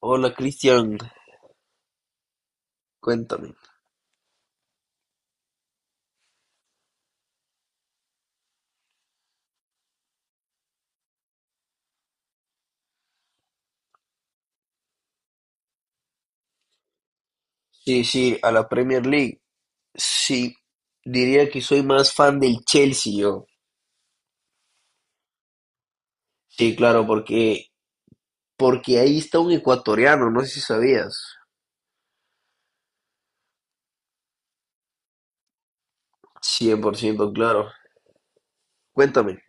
Hola Cristian, cuéntame. Sí, sí, a la Premier League. Sí, diría que soy más fan del Chelsea yo. Sí, claro, porque ahí está un ecuatoriano, no sé si sabías. 100%, claro. Cuéntame.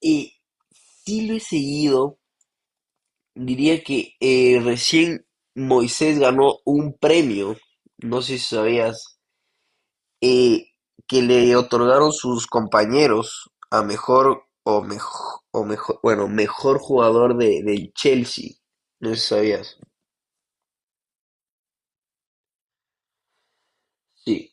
Y sí lo he seguido, diría que recién Moisés ganó un premio, no sé si sabías. eh, que le otorgaron sus compañeros a mejor o mejor o mejor mejor bueno mejor jugador de del Chelsea. No sé si sabías. Sí,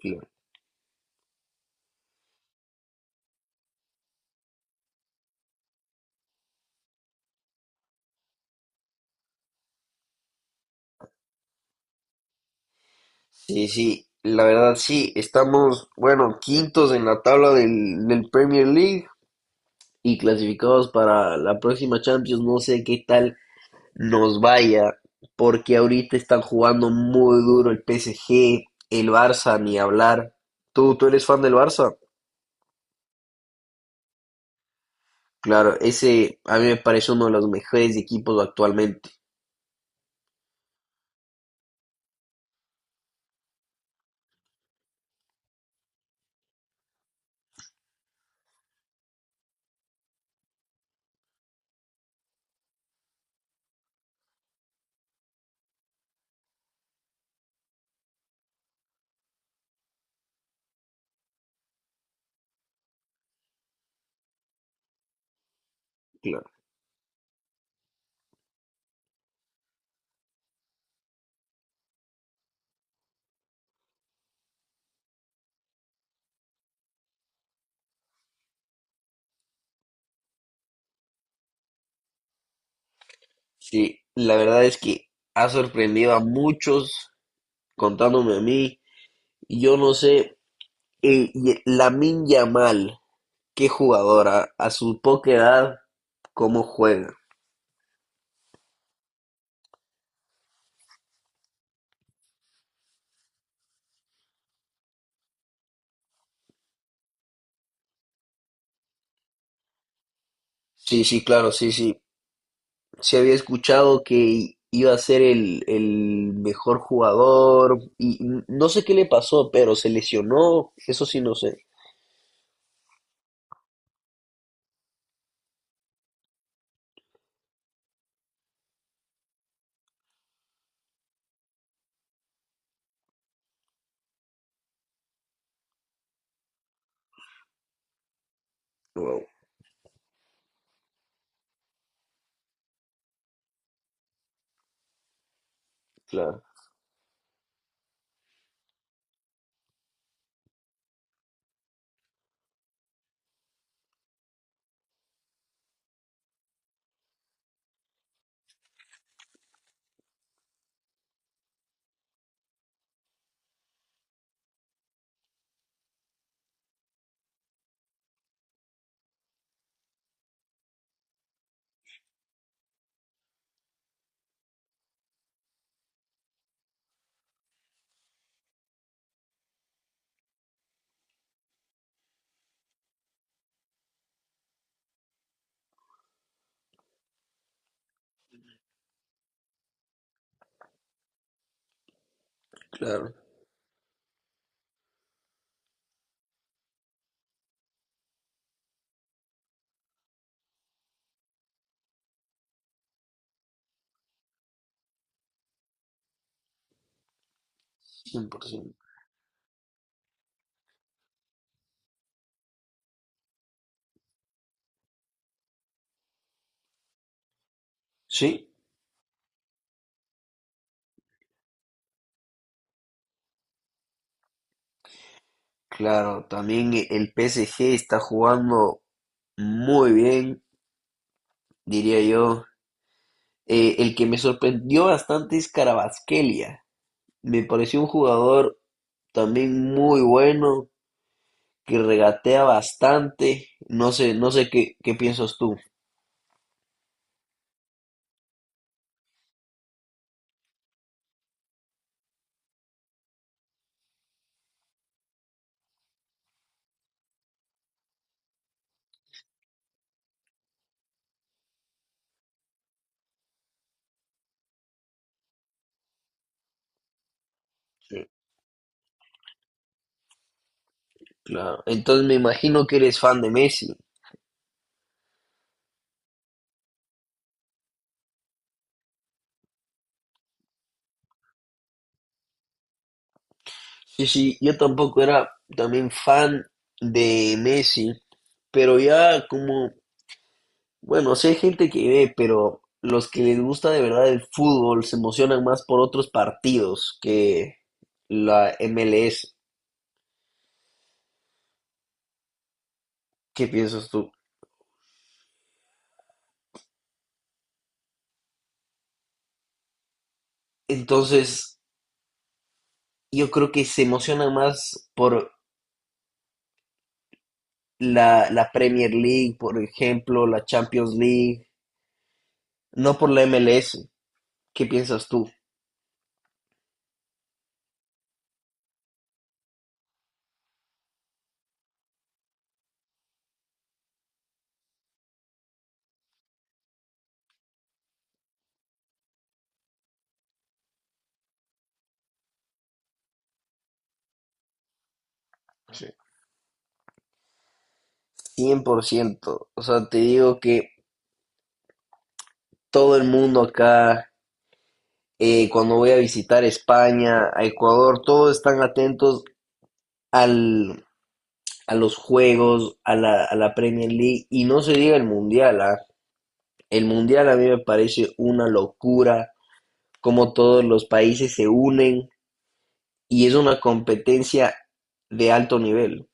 claro. Sí, sí, la verdad, sí, estamos, bueno, quintos en la tabla del Premier League y clasificados para la próxima Champions. No sé qué tal nos vaya, porque ahorita están jugando muy duro el PSG, el Barça, ni hablar. ¿Tú eres fan del Barça? Claro, ese a mí me parece uno de los mejores equipos actualmente. Claro. Sí, la verdad es que ha sorprendido a muchos, contándome a mí. Yo no sé, Lamine Yamal, qué jugadora, a su poca edad, cómo juega. Sí, sí, claro, sí, sí. Se había escuchado que iba a ser el mejor jugador y no sé qué le pasó, pero se lesionó, eso sí no sé. Wow, claro, claro, 100%. Sí, claro, también el PSG está jugando muy bien, diría yo. El que me sorprendió bastante es Carabasquelia. Me pareció un jugador también muy bueno, que regatea bastante. No sé, no sé qué piensas tú. Claro. Entonces me imagino que eres fan de Messi. Sí, sí, yo tampoco era también fan de Messi, pero ya como bueno, sí hay gente que ve, pero los que les gusta de verdad el fútbol se emocionan más por otros partidos que la MLS. ¿Qué piensas tú? Entonces, yo creo que se emocionan más por la Premier League, por ejemplo, la Champions League, no por la MLS. ¿Qué piensas tú? Sí, cien por ciento. O sea, te digo que todo el mundo acá, cuando voy a visitar España, a Ecuador, todos están atentos al a los juegos, a la Premier League y no se diga el Mundial, ¿ah? El Mundial a mí me parece una locura, como todos los países se unen y es una competencia de alto nivel.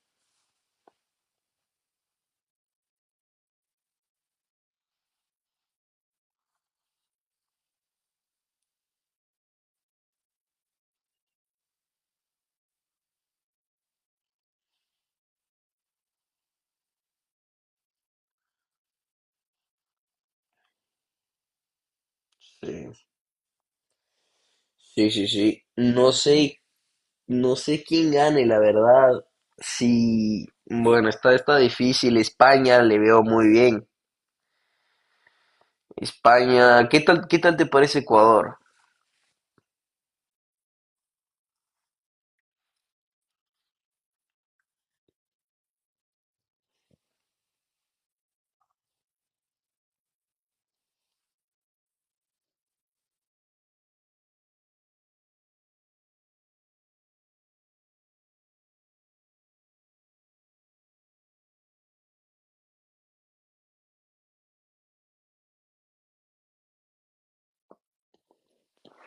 Sí, sí, sí. Sí, no sé, no sé quién gane, la verdad. Sí, bueno, está, está difícil. España le veo muy bien. España, ¿qué tal te parece Ecuador?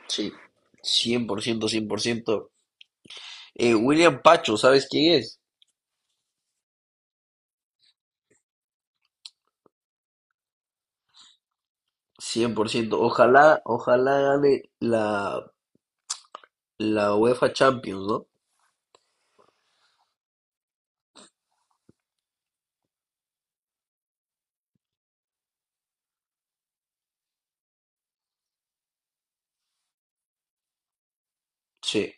Sí, 100%, 100%. William Pacho, ¿sabes quién es? Cien por ciento. Ojalá, ojalá gane la, la UEFA Champions, ¿no? Sí,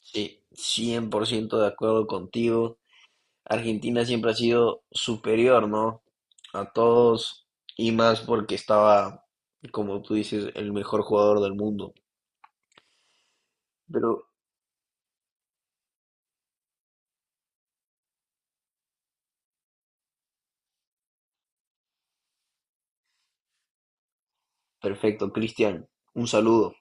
sí, cien por ciento de acuerdo contigo. Argentina siempre ha sido superior, ¿no? A todos y más porque estaba, como tú dices, el mejor jugador del mundo. Pero perfecto, Cristian, un saludo.